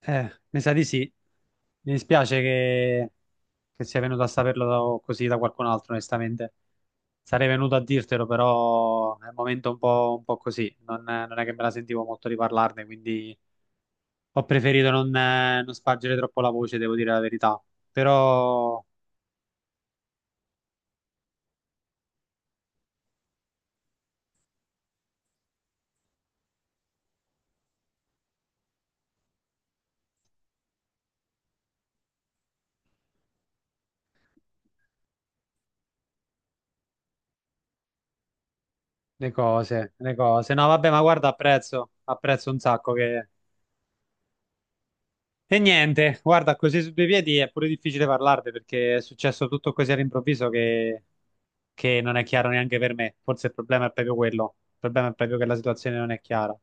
Mi sa di sì. Mi dispiace che sia venuto a saperlo così da qualcun altro, onestamente. Sarei venuto a dirtelo, però è un momento un po' così. Non è che me la sentivo molto di parlarne, quindi ho preferito non spargere troppo la voce, devo dire la verità. Però le cose, le cose. No, vabbè, ma guarda, apprezzo un sacco che... E niente, guarda, così su due piedi è pure difficile parlarne perché è successo tutto così all'improvviso che non è chiaro neanche per me. Forse il problema è proprio quello. Il problema è proprio che la situazione non è chiara.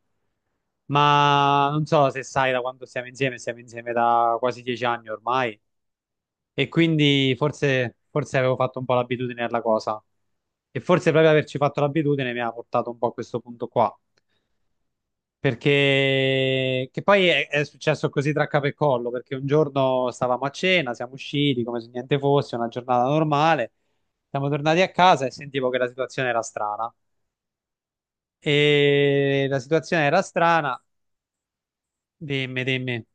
Ma non so se sai da quando siamo insieme da quasi 10 anni ormai. E quindi forse avevo fatto un po' l'abitudine alla cosa. E forse proprio averci fatto l'abitudine mi ha portato un po' a questo punto qua. Perché che poi è successo così tra capo e collo, perché un giorno stavamo a cena, siamo usciti come se niente fosse, una giornata normale, siamo tornati a casa e sentivo che la situazione era strana. E la situazione era strana. Dimmi, dimmi.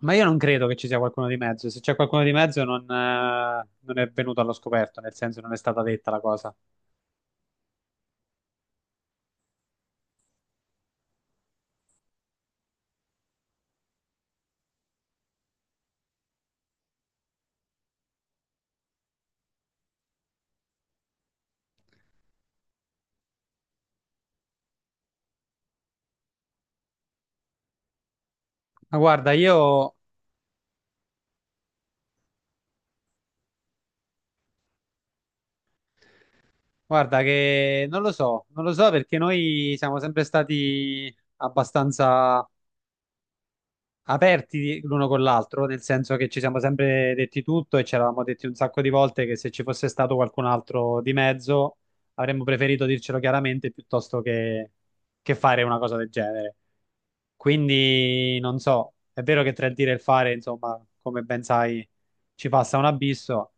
Ma io non credo che ci sia qualcuno di mezzo. Se c'è qualcuno di mezzo, non è venuto allo scoperto, nel senso non è stata detta la cosa. Ma guarda, io, guarda che non lo so, non lo so perché noi siamo sempre stati abbastanza aperti l'uno con l'altro, nel senso che ci siamo sempre detti tutto e ci eravamo detti un sacco di volte che se ci fosse stato qualcun altro di mezzo avremmo preferito dircelo chiaramente piuttosto che fare una cosa del genere. Quindi non so, è vero che tra il dire e il fare, insomma, come ben sai, ci passa un abisso,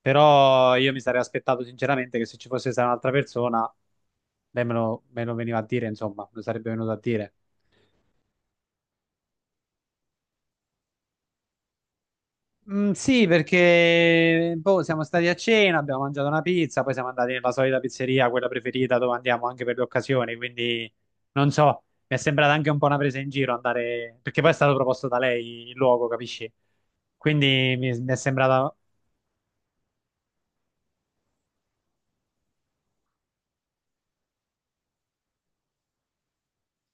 però io mi sarei aspettato sinceramente che se ci fosse stata un'altra persona, lei me lo veniva a dire, insomma, me lo sarebbe venuto a dire. Mm, sì, perché boh, siamo stati a cena, abbiamo mangiato una pizza, poi siamo andati nella solita pizzeria, quella preferita dove andiamo anche per le occasioni, quindi non so, mi è sembrata anche un po' una presa in giro andare, perché poi è stato proposto da lei il luogo, capisci? Quindi mi è sembrata,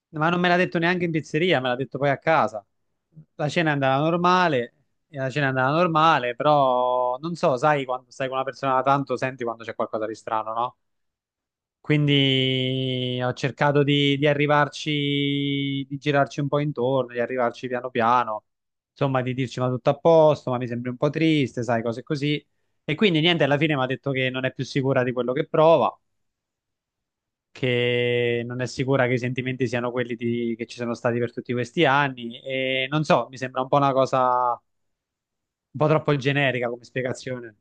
ma non me l'ha detto neanche in pizzeria, me l'ha detto poi a casa. La cena è andata normale, e la cena è andata normale, però non so, sai quando stai con una persona da tanto, senti quando c'è qualcosa di strano, no? Quindi ho cercato di arrivarci, di girarci un po' intorno, di arrivarci piano piano, insomma, di dirci ma tutto a posto, ma mi sembri un po' triste, sai, cose così. E quindi niente, alla fine mi ha detto che non è più sicura di quello che prova, che non è sicura che i sentimenti siano quelli che ci sono stati per tutti questi anni. E non so, mi sembra un po' una cosa un po' troppo generica come spiegazione.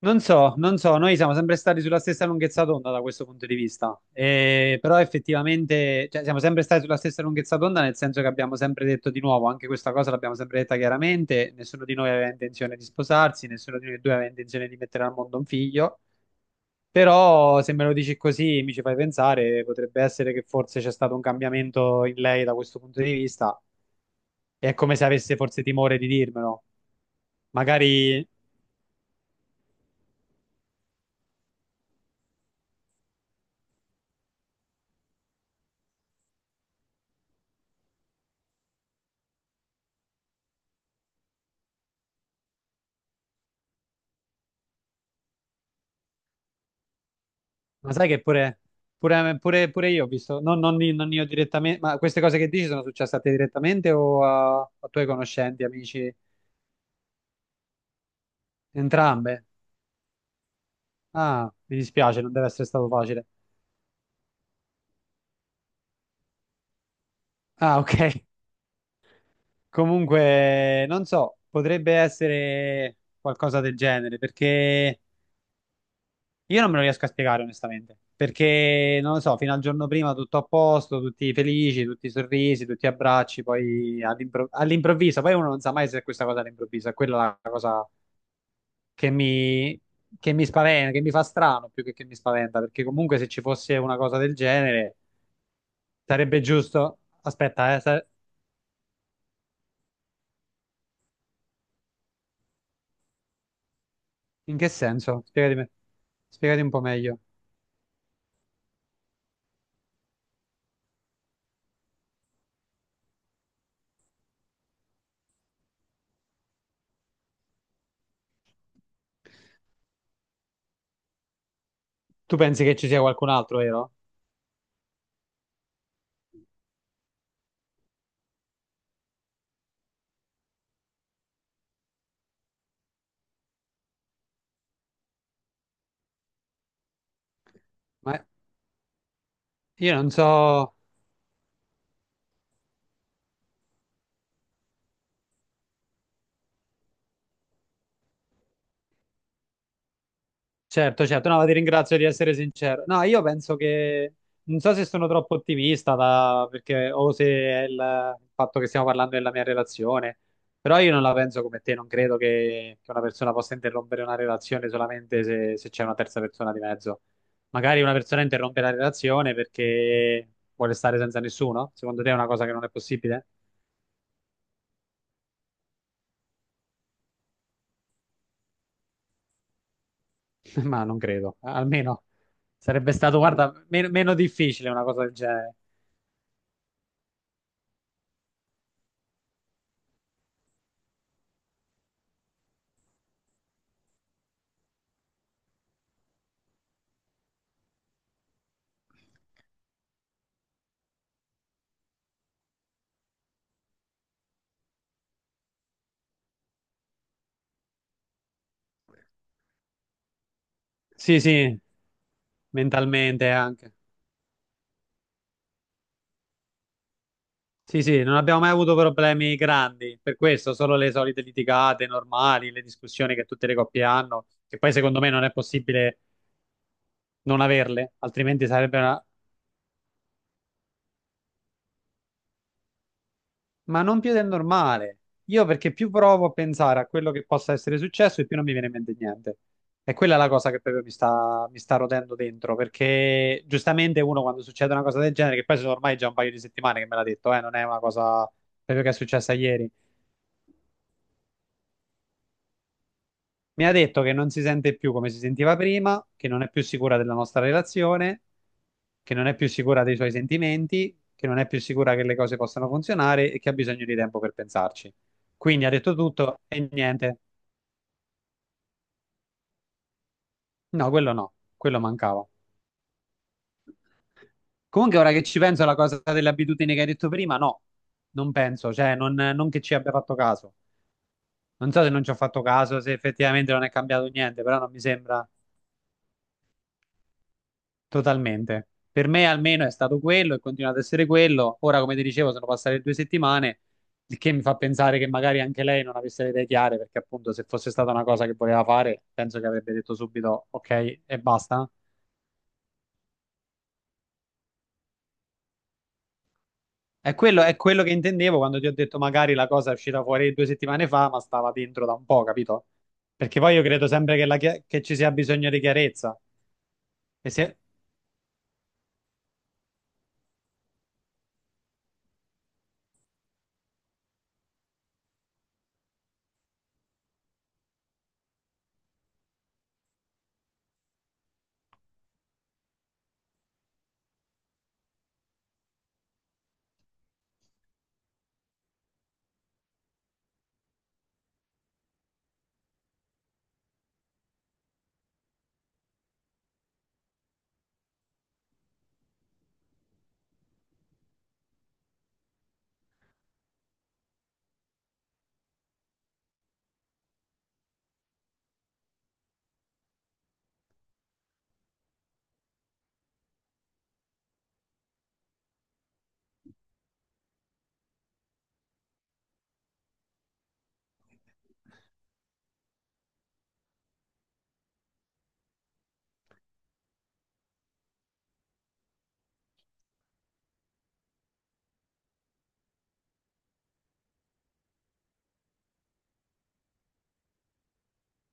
Non so, non so, noi siamo sempre stati sulla stessa lunghezza d'onda da questo punto di vista. Però effettivamente, cioè, siamo sempre stati sulla stessa lunghezza d'onda nel senso che abbiamo sempre detto di nuovo, anche questa cosa l'abbiamo sempre detta chiaramente, nessuno di noi aveva intenzione di sposarsi, nessuno di noi due aveva intenzione di mettere al mondo un figlio, però se me lo dici così mi ci fai pensare, potrebbe essere che forse c'è stato un cambiamento in lei da questo punto di vista, è come se avesse forse timore di dirmelo magari. Ma sai che pure, pure io ho visto, no, non io direttamente, ma queste cose che dici sono successe a te direttamente o a tuoi conoscenti, amici? Entrambe? Ah, mi dispiace, non deve essere stato facile. Ah, ok. Comunque, non so, potrebbe essere qualcosa del genere, perché io non me lo riesco a spiegare onestamente, perché non lo so, fino al giorno prima tutto a posto, tutti felici, tutti sorrisi, tutti abbracci, poi all'improvviso, poi uno non sa mai se è questa cosa all'improvviso, è quella la cosa che mi, che mi spaventa, che mi fa strano più che mi spaventa, perché comunque se ci fosse una cosa del genere sarebbe giusto... Aspetta, in che senso? Spiegatemi, spiegati un po' meglio. Tu pensi che ci sia qualcun altro, vero? Ma io non so... Certo, certo, no, ti ringrazio di essere sincero. No, io penso che non so se sono troppo ottimista perché, o se è il fatto che stiamo parlando della mia relazione, però io non la penso come te, non credo che, una persona possa interrompere una relazione solamente se c'è una terza persona di mezzo. Magari una persona interrompe la relazione perché vuole stare senza nessuno? Secondo te è una cosa che non è possibile? Ma non credo, almeno sarebbe stato, guarda, meno difficile una cosa del genere. Sì, sì, mentalmente anche. Sì, sì, non abbiamo mai avuto problemi grandi, per questo solo le solite litigate normali, le discussioni che tutte le coppie hanno, che poi secondo me non è possibile non averle, altrimenti sarebbe una... Ma non più del normale. Io perché più provo a pensare a quello che possa essere successo e più non mi viene in mente niente. E quella è la cosa che proprio mi sta rotendo dentro, perché giustamente uno quando succede una cosa del genere, che poi sono ormai già un paio di settimane che me l'ha detto, non è una cosa proprio che è successa ieri. Mi ha detto che non si sente più come si sentiva prima, che non è più sicura della nostra relazione, che non è più sicura dei suoi sentimenti, che non è più sicura che le cose possano funzionare e che ha bisogno di tempo per pensarci. Quindi ha detto tutto e niente. No, quello no, quello mancava. Comunque, ora che ci penso alla cosa delle abitudini che hai detto prima, no, non penso, cioè non che ci abbia fatto caso. Non so se non ci ho fatto caso, se effettivamente non è cambiato niente, però non mi sembra. Totalmente. Per me almeno è stato quello e continua ad essere quello. Ora, come ti dicevo, sono passate 2 settimane, il che mi fa pensare che magari anche lei non avesse le idee chiare, perché appunto se fosse stata una cosa che voleva fare, penso che avrebbe detto subito ok e basta. È quello che intendevo quando ti ho detto magari la cosa è uscita fuori 2 settimane fa, ma stava dentro da un po', capito? Perché poi io credo sempre che, che ci sia bisogno di chiarezza. E se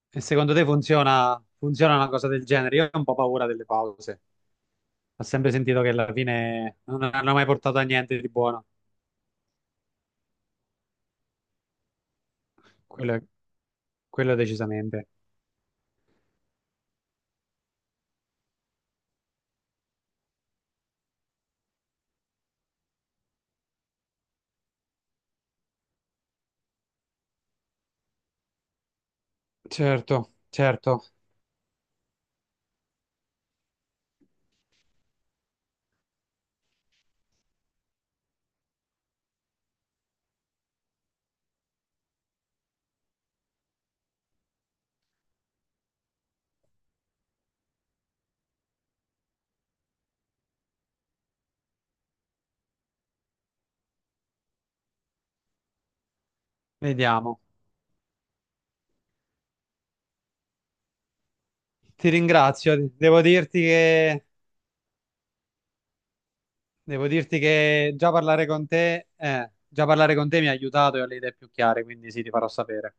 e secondo te funziona, funziona una cosa del genere? Io ho un po' paura delle pause. Ho sempre sentito che alla fine non hanno mai portato a niente di buono. Quello, quello decisamente. Certo, certo. Vediamo. Ti ringrazio. Devo dirti che già parlare con te, già parlare con te mi ha aiutato e ho le idee più chiare, quindi sì, ti farò sapere.